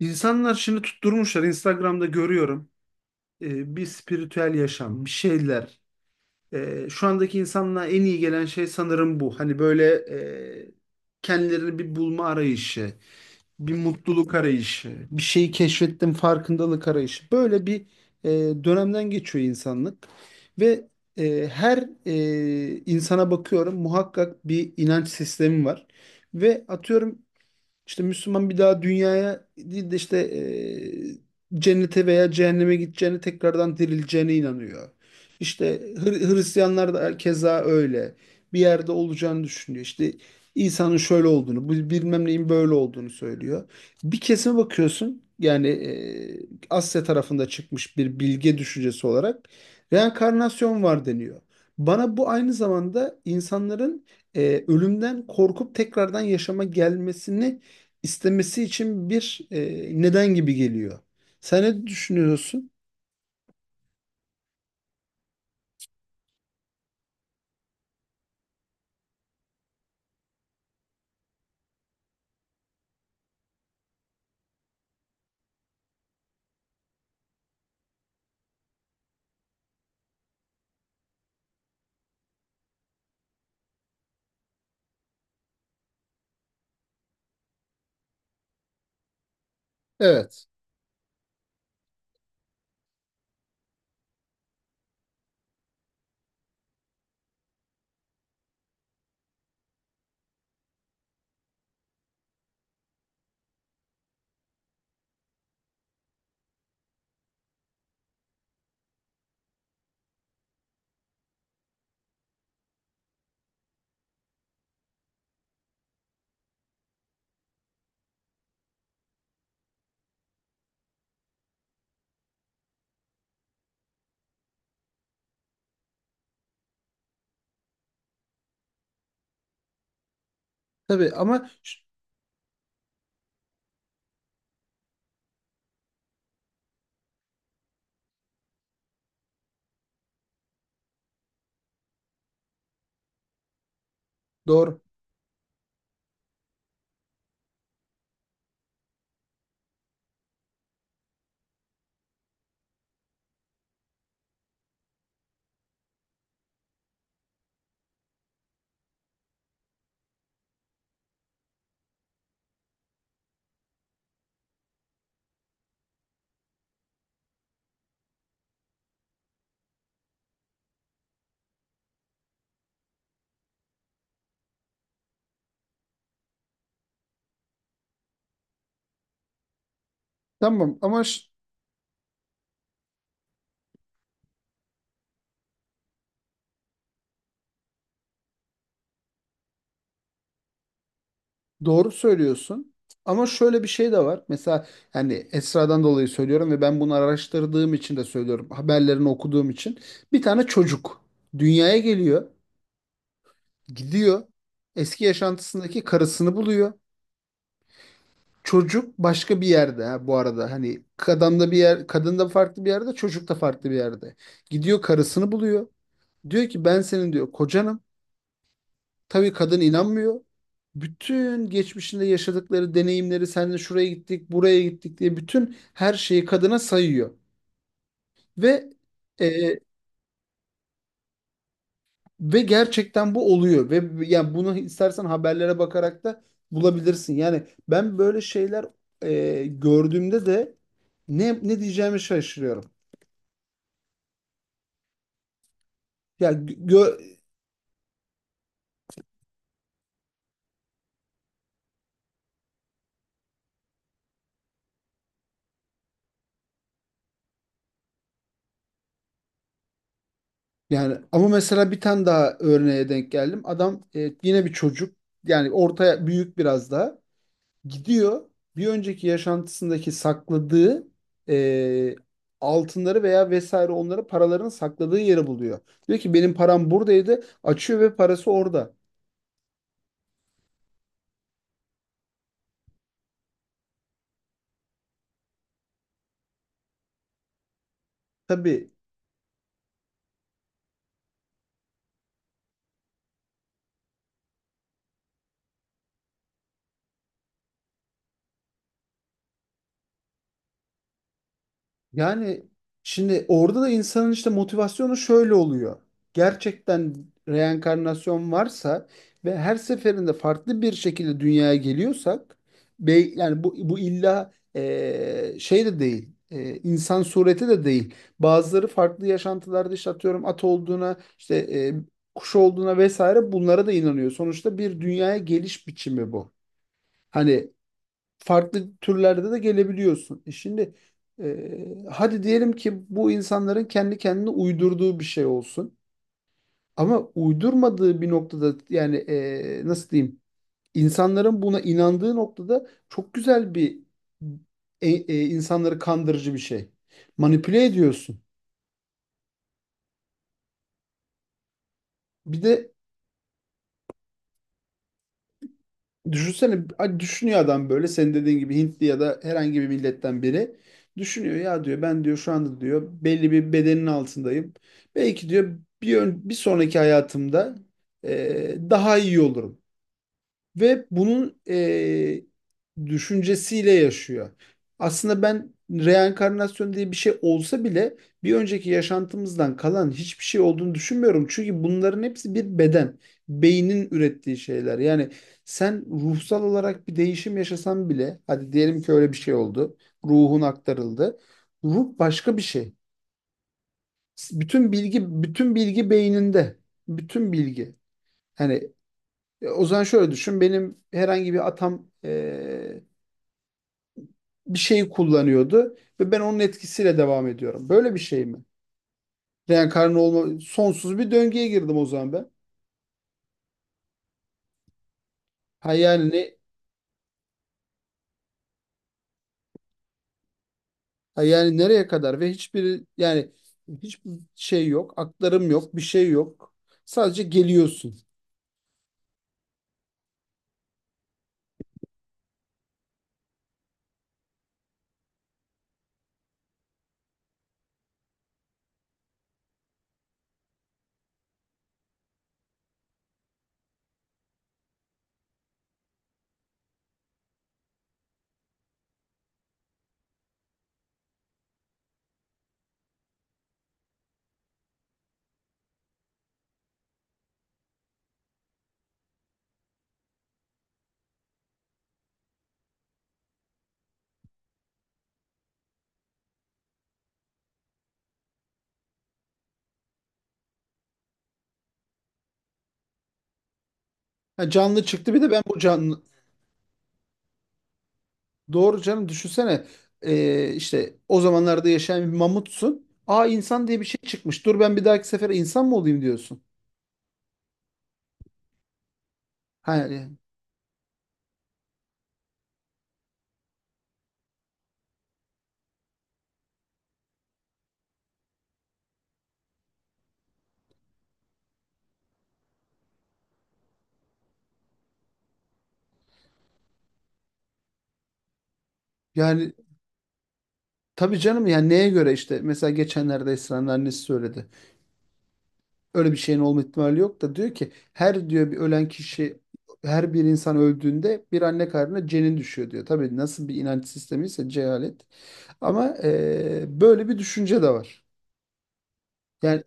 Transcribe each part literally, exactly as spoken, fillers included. İnsanlar şimdi tutturmuşlar. Instagram'da görüyorum. Ee, bir spiritüel yaşam, bir şeyler. Ee, şu andaki insanlığa en iyi gelen şey sanırım bu. Hani böyle e, kendilerini bir bulma arayışı, bir mutluluk arayışı, bir şeyi keşfettim farkındalık arayışı. Böyle bir e, dönemden geçiyor insanlık. Ve e, her e, insana bakıyorum, muhakkak bir inanç sistemi var. Ve atıyorum işte Müslüman bir daha dünyaya değil de işte e, cennete veya cehenneme gideceğine tekrardan dirileceğine inanıyor. İşte Hır- Hristiyanlar da keza öyle. Bir yerde olacağını düşünüyor. İşte İsa'nın şöyle olduğunu, bu bilmem neyin böyle olduğunu söylüyor. Bir kesime bakıyorsun, yani e, Asya tarafında çıkmış bir bilge düşüncesi olarak reenkarnasyon var deniyor. Bana bu aynı zamanda insanların e, ölümden korkup tekrardan yaşama gelmesini istemesi için bir e, neden gibi geliyor. Sen ne düşünüyorsun? Evet. Tabii ama ş- doğru. Tamam ama ş- doğru söylüyorsun. Ama şöyle bir şey de var. Mesela yani Esra'dan dolayı söylüyorum ve ben bunu araştırdığım için de söylüyorum. Haberlerini okuduğum için. Bir tane çocuk dünyaya geliyor, gidiyor. Eski yaşantısındaki karısını buluyor. Çocuk başka bir yerde ha bu arada. Hani kadın da bir yer, kadın da farklı bir yerde, çocuk da farklı bir yerde. Gidiyor, karısını buluyor. Diyor ki ben senin diyor kocanım. Tabii kadın inanmıyor. Bütün geçmişinde yaşadıkları deneyimleri seninle şuraya gittik, buraya gittik diye bütün her şeyi kadına sayıyor. Ve e, ve gerçekten bu oluyor ve yani bunu istersen haberlere bakarak da bulabilirsin. Yani ben böyle şeyler e, gördüğümde de ne ne diyeceğimi şaşırıyorum. Ya gö Yani ama mesela bir tane daha örneğe denk geldim. Adam e, yine bir çocuk yani ortaya büyük biraz daha gidiyor, bir önceki yaşantısındaki sakladığı e, altınları veya vesaire onları paralarını sakladığı yeri buluyor. Diyor ki benim param buradaydı, açıyor ve parası orada. Tabii. Yani şimdi orada da insanın işte motivasyonu şöyle oluyor. Gerçekten reenkarnasyon varsa ve her seferinde farklı bir şekilde dünyaya geliyorsak, be, yani bu, bu illa eee, şey de değil. Eee, insan sureti de değil. Bazıları farklı yaşantılarda işte atıyorum at olduğuna, işte eee, kuş olduğuna vesaire bunlara da inanıyor. Sonuçta bir dünyaya geliş biçimi bu. Hani farklı türlerde de gelebiliyorsun. E şimdi e, hadi diyelim ki bu insanların kendi kendine uydurduğu bir şey olsun. Ama uydurmadığı bir noktada, yani e, nasıl diyeyim? İnsanların buna inandığı noktada çok güzel bir e, e, insanları kandırıcı bir şey. Manipüle ediyorsun. Bir de düşünsene, hani düşünüyor adam, böyle senin dediğin gibi Hintli ya da herhangi bir milletten biri düşünüyor ya, diyor ben diyor şu anda diyor belli bir bedenin altındayım. Belki diyor bir ön- bir sonraki hayatımda eee, daha iyi olurum ve bunun eee, düşüncesiyle yaşıyor. Aslında ben reenkarnasyon diye bir şey olsa bile bir önceki yaşantımızdan kalan hiçbir şey olduğunu düşünmüyorum. Çünkü bunların hepsi bir beden, beynin ürettiği şeyler. Yani sen ruhsal olarak bir değişim yaşasan bile, hadi diyelim ki öyle bir şey oldu, ruhun aktarıldı. Ruh başka bir şey. Bütün bilgi, bütün bilgi beyninde. Bütün bilgi. Yani e, O zaman şöyle düşün. Benim herhangi bir atam e, bir şeyi kullanıyordu ve ben onun etkisiyle devam ediyorum. Böyle bir şey mi? Reenkarnı olma, sonsuz bir döngüye girdim o zaman ben. Ha yani ne ha yani nereye kadar, ve hiçbir yani hiçbir şey yok, aktarım yok, bir şey yok. Sadece geliyorsun. Ha, canlı çıktı bir de ben bu canlı Doğru canım, düşünsene. E, işte o zamanlarda yaşayan bir mamutsun. Aa, insan diye bir şey çıkmış. Dur ben bir dahaki sefere insan mı olayım diyorsun. Ha. Yani tabii canım, yani neye göre işte mesela geçenlerde Esra'nın annesi söyledi. Öyle bir şeyin olma ihtimali yok da diyor ki her diyor bir ölen kişi, her bir insan öldüğünde bir anne karnına cenin düşüyor diyor. Tabii nasıl bir inanç sistemiyse, cehalet. Ama eee, böyle bir düşünce de var. Yani,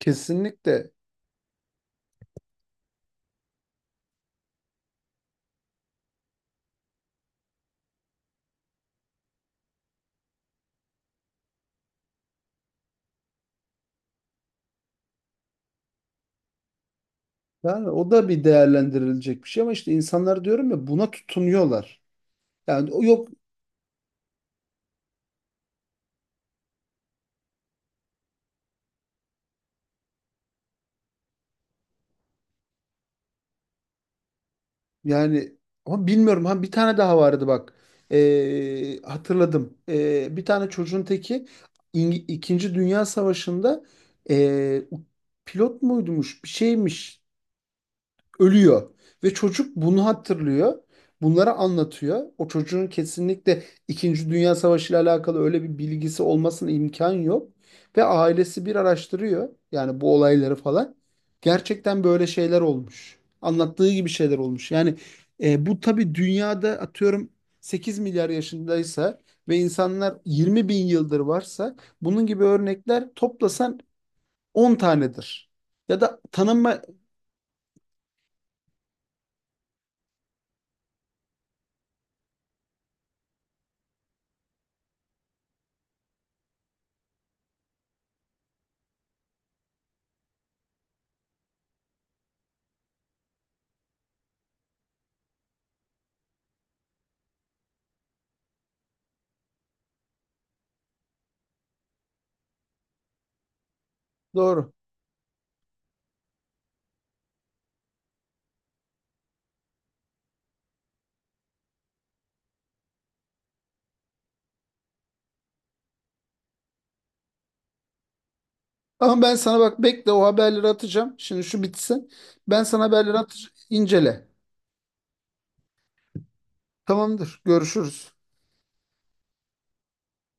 kesinlikle. Yani o da bir değerlendirilecek bir şey, ama işte insanlar diyorum ya buna tutunuyorlar. Yani o yok Yani ama bilmiyorum. Ha, bir tane daha vardı bak. Ee, hatırladım. Ee, bir tane çocuğun teki İng- İkinci Dünya Savaşı'nda ee, pilot muydumuş? Bir şeymiş, ölüyor. Ve çocuk bunu hatırlıyor. Bunları anlatıyor. O çocuğun kesinlikle İkinci Dünya Savaşı ile alakalı öyle bir bilgisi olmasına imkan yok. Ve ailesi bir araştırıyor, yani bu olayları falan. Gerçekten böyle şeyler olmuş. Anlattığı gibi şeyler olmuş. Yani e, bu tabii dünyada atıyorum sekiz milyar yaşındaysa ve insanlar yirmi bin yıldır varsa, bunun gibi örnekler toplasan on tanedir. Ya da tanınma Doğru. Ama ben sana bak bekle, o haberleri atacağım. Şimdi şu bitsin. Ben sana haberleri atacağım. İncele. Tamamdır. Görüşürüz.